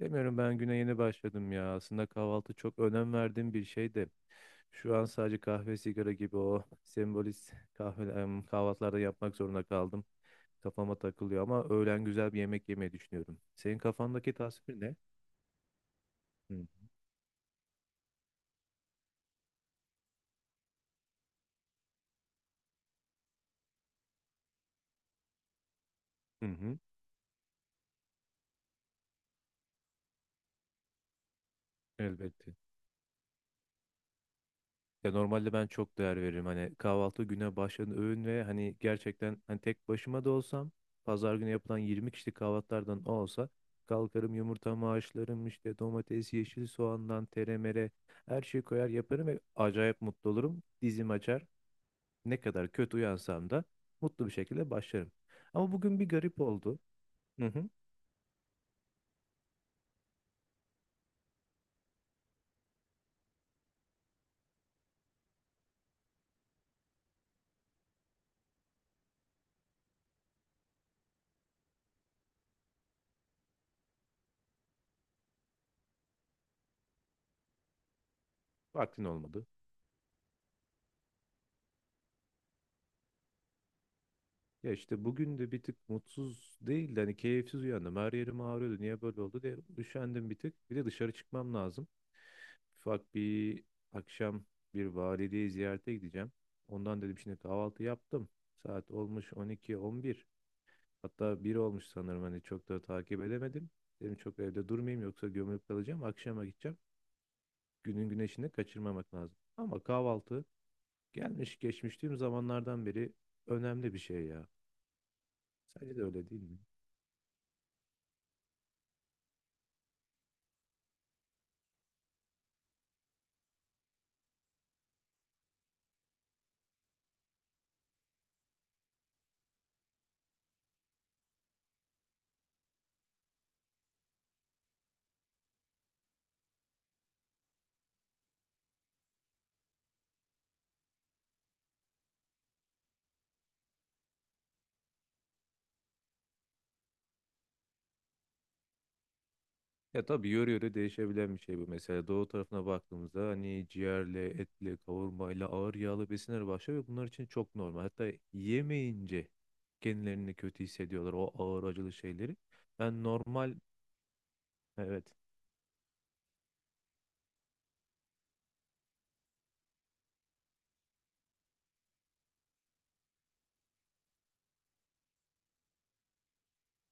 Demiyorum ben güne yeni başladım ya. Aslında kahvaltı çok önem verdiğim bir şeydi. Şu an sadece kahve, sigara gibi o sembolist kahvaltılarda yapmak zorunda kaldım. Kafama takılıyor ama öğlen güzel bir yemek yemeyi düşünüyorum. Senin kafandaki tasvir ne? Hı hı. Hı. Elbette. Ya normalde ben çok değer veririm. Hani kahvaltı güne başlayan öğün ve hani gerçekten hani tek başıma da olsam pazar günü yapılan 20 kişilik kahvaltılardan o olsa kalkarım yumurtamı haşlarım işte domates, yeşil soğandan teremere her şeyi koyar yaparım ve acayip mutlu olurum. Dizim açar. Ne kadar kötü uyansam da mutlu bir şekilde başlarım. Ama bugün bir garip oldu. Hı hı. Vaktin olmadı. Ya işte bugün de bir tık mutsuz değil de hani keyifsiz uyandım. Her yerim ağrıyordu. Niye böyle oldu diye üşendim bir tık. Bir de dışarı çıkmam lazım. Ufak bir akşam bir valideyi ziyarete gideceğim. Ondan dedim şimdi kahvaltı yaptım. Saat olmuş 12-11. Hatta 1 olmuş sanırım hani çok da takip edemedim. Dedim çok evde durmayayım yoksa gömülüp kalacağım. Akşama gideceğim. Günün güneşini kaçırmamak lazım. Ama kahvaltı gelmiş geçmiş tüm zamanlardan beri önemli bir şey ya. Sence de öyle değil mi? Ya tabii yöre yöre değişebilen bir şey bu. Mesela doğu tarafına baktığımızda hani ciğerle, etle, kavurmayla, ağır yağlı besinler başlıyor ve bunlar için çok normal. Hatta yemeyince kendilerini kötü hissediyorlar o ağır acılı şeyleri. Ben normal, evet,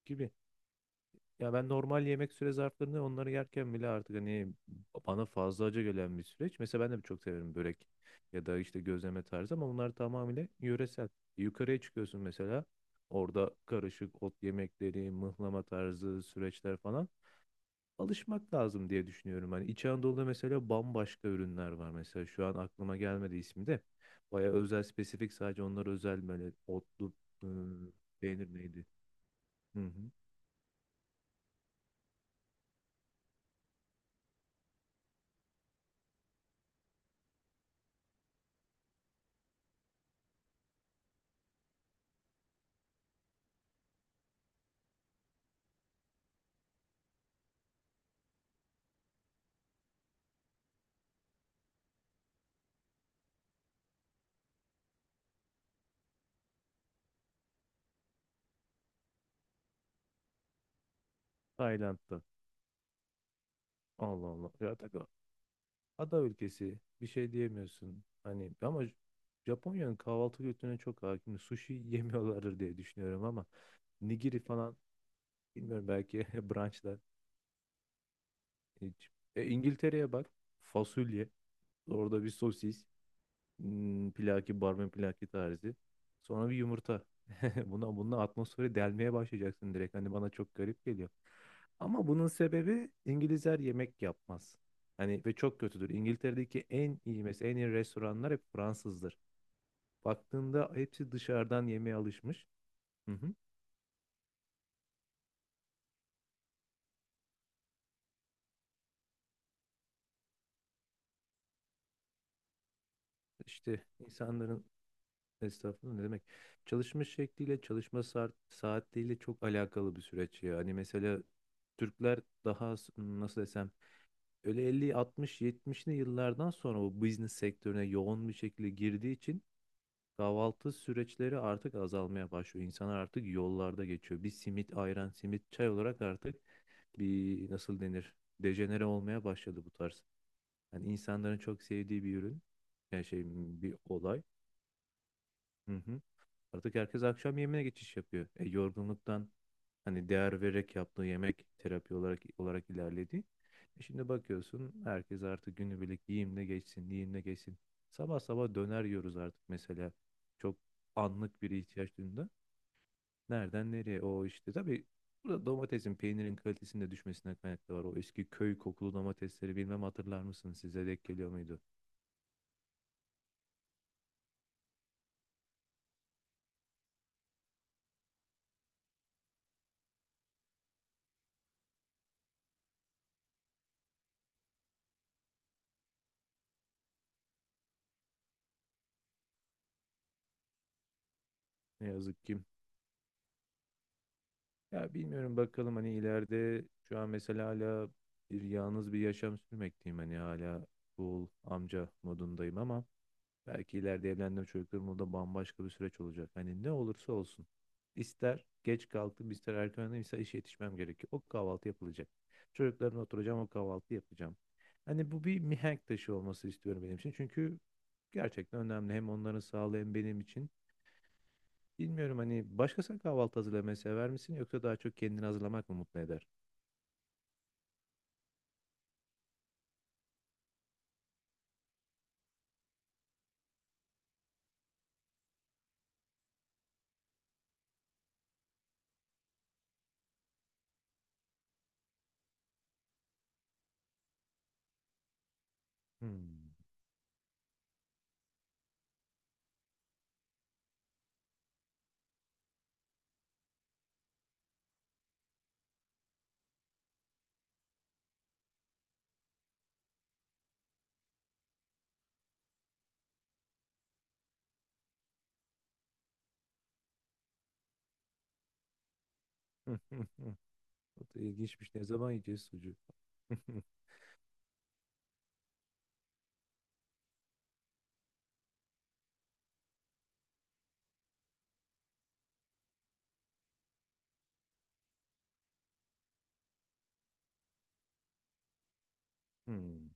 gibi. Ya ben normal yemek süre zarflarını onları yerken bile artık hani bana fazla acı gelen bir süreç. Mesela ben de çok severim börek ya da işte gözleme tarzı ama bunlar tamamıyla yöresel. Yukarıya çıkıyorsun mesela orada karışık ot yemekleri, mıhlama tarzı süreçler falan alışmak lazım diye düşünüyorum. Hani İç Anadolu'da mesela bambaşka ürünler var. Mesela şu an aklıma gelmedi ismi de. Baya özel, spesifik sadece onlar özel böyle otlu ıı, Peynir neydi? Hı hı. Tayland'da. Allah Allah. Ya, ada ülkesi bir şey diyemiyorsun. Hani ama Japonya'nın kahvaltı kültürüne çok hakim. Sushi yemiyorlardır diye düşünüyorum ama nigiri falan bilmiyorum belki brunchlar hiç. E, İngiltere'ye bak, fasulye, orada bir sosis, Plaki, barmen plaki tarzı. Sonra bir yumurta. Bununla atmosferi delmeye başlayacaksın direkt. Hani bana çok garip geliyor. Ama bunun sebebi İngilizler yemek yapmaz. Hani ve çok kötüdür. İngiltere'deki en iyi restoranlar hep Fransızdır. Baktığında hepsi dışarıdan yemeğe alışmış. Hı hı. İşte insanların estağfurullah ne demek? Çalışma şekliyle, çalışma saatleriyle çok alakalı bir süreç ya. Hani mesela Türkler daha nasıl desem öyle 50, 60, yetmişli yıllardan sonra bu business sektörüne yoğun bir şekilde girdiği için kahvaltı süreçleri artık azalmaya başlıyor. İnsanlar artık yollarda geçiyor. Bir simit, ayran, simit, çay olarak artık bir nasıl denir? Dejenere olmaya başladı bu tarz. Yani insanların çok sevdiği bir ürün. Yani şey bir olay. Hı hı. Artık herkes akşam yemeğine geçiş yapıyor. Yorgunluktan hani değer vererek yaptığı yemek terapi olarak ilerledi. Şimdi bakıyorsun herkes artık günübirlik yiyeyim geçsin, yiyeyim geçsin. Sabah sabah döner yiyoruz artık mesela. Çok anlık bir ihtiyaç duyduğunda. Nereden nereye o işte. Tabii burada domatesin, peynirin kalitesinde düşmesine kaynaklı var. O eski köy kokulu domatesleri bilmem hatırlar mısınız? Size denk geliyor muydu? Ne yazık ki. Ya bilmiyorum bakalım hani ileride şu an mesela hala bir yalnız bir yaşam sürmekteyim hani hala cool amca modundayım ama belki ileride evlendiğim çocuklarımla da bambaşka bir süreç olacak. Hani ne olursa olsun ister geç kalktım ister erken uyandım ister işe yetişmem gerekiyor. O kahvaltı yapılacak. Çocuklarımla oturacağım o kahvaltı yapacağım. Hani bu bir mihenk taşı olması istiyorum benim için çünkü gerçekten önemli hem onların sağlığı hem benim için. Bilmiyorum hani başkasına kahvaltı hazırlamayı sever misin yoksa daha çok kendini hazırlamak mı mutlu eder? Hmm. O da ilginçmiş. Ne zaman yiyeceğiz sucuğu? Hmm.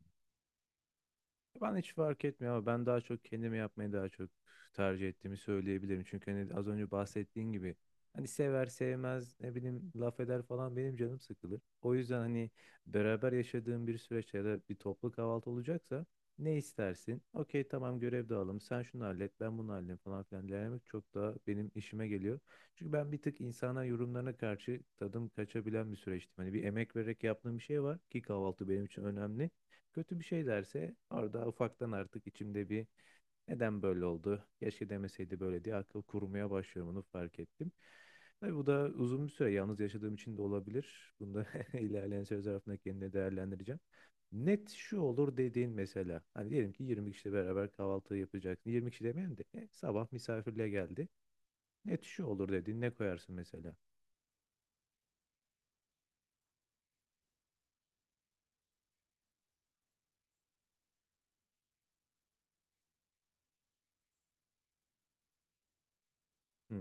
Ben hiç fark etmiyor ama ben daha çok kendimi yapmayı daha çok tercih ettiğimi söyleyebilirim. Çünkü hani az önce bahsettiğin gibi hani sever sevmez ne bileyim laf eder falan benim canım sıkılır. O yüzden hani beraber yaşadığım bir süreçte ya da bir toplu kahvaltı olacaksa ne istersin? Okey, tamam, görev dağılım sen şunu hallet ben bunu halledeyim falan filan denemek çok daha benim işime geliyor. Çünkü ben bir tık insana yorumlarına karşı tadım kaçabilen bir süreçtim. Hani bir emek vererek yaptığım bir şey var ki kahvaltı benim için önemli, kötü bir şey derse orada ufaktan artık içimde bir neden böyle oldu? Keşke demeseydi böyle diye akıl kurmaya başlıyorum onu fark ettim. Tabii bu da uzun bir süre yalnız yaşadığım için de olabilir. Bunu da ilerleyen süre zarfında kendine değerlendireceğim. Net şu olur dediğin mesela. Hani diyelim ki 20 kişiyle beraber kahvaltı yapacaksın. 20 kişi demeyelim de sabah misafirle geldi. Net şu olur dediğin ne koyarsın mesela? Hı,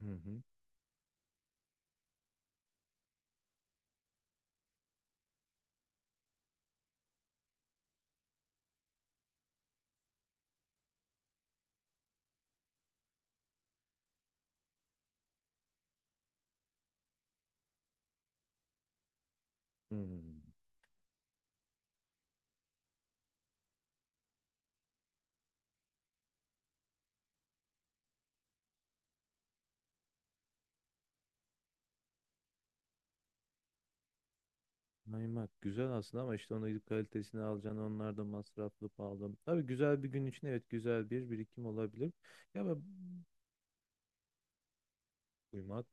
hı hı, hı hı. Kaymak güzel aslında ama işte onu gidip kalitesini alacaksın. Onlar da masraflı pahalı. Tabii güzel bir gün için evet güzel bir birikim olabilir. Ya ben kuymak,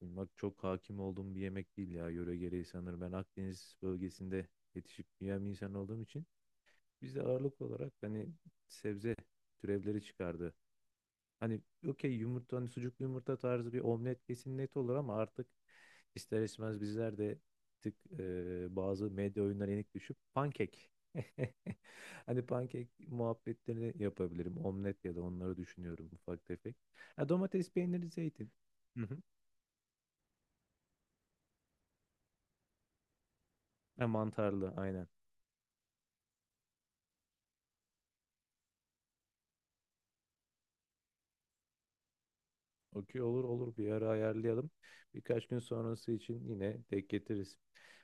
Kuymak çok hakim olduğum bir yemek değil ya. Yöre gereği sanırım. Ben Akdeniz bölgesinde yetişip büyüyen bir insan olduğum için biz de ağırlık olarak hani sebze türevleri çıkardı. Hani okey yumurta hani sucuklu yumurta tarzı bir omlet kesin net olur ama artık ister istemez bizler de tık bazı medya oyunlarına yenik düşüp pankek. Hani pankek muhabbetlerini yapabilirim. Omlet ya da onları düşünüyorum ufak tefek. Ha, domates, peyniri, zeytin. Hı hı. Ha, mantarlı aynen. Okey, olur olur, bir ara ayarlayalım. Birkaç gün sonrası için yine denk getiririz.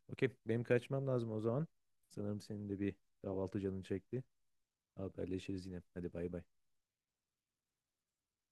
Okey benim kaçmam lazım o zaman. Sanırım senin de bir kahvaltı canın çekti. Haberleşiriz yine. Hadi bay bay.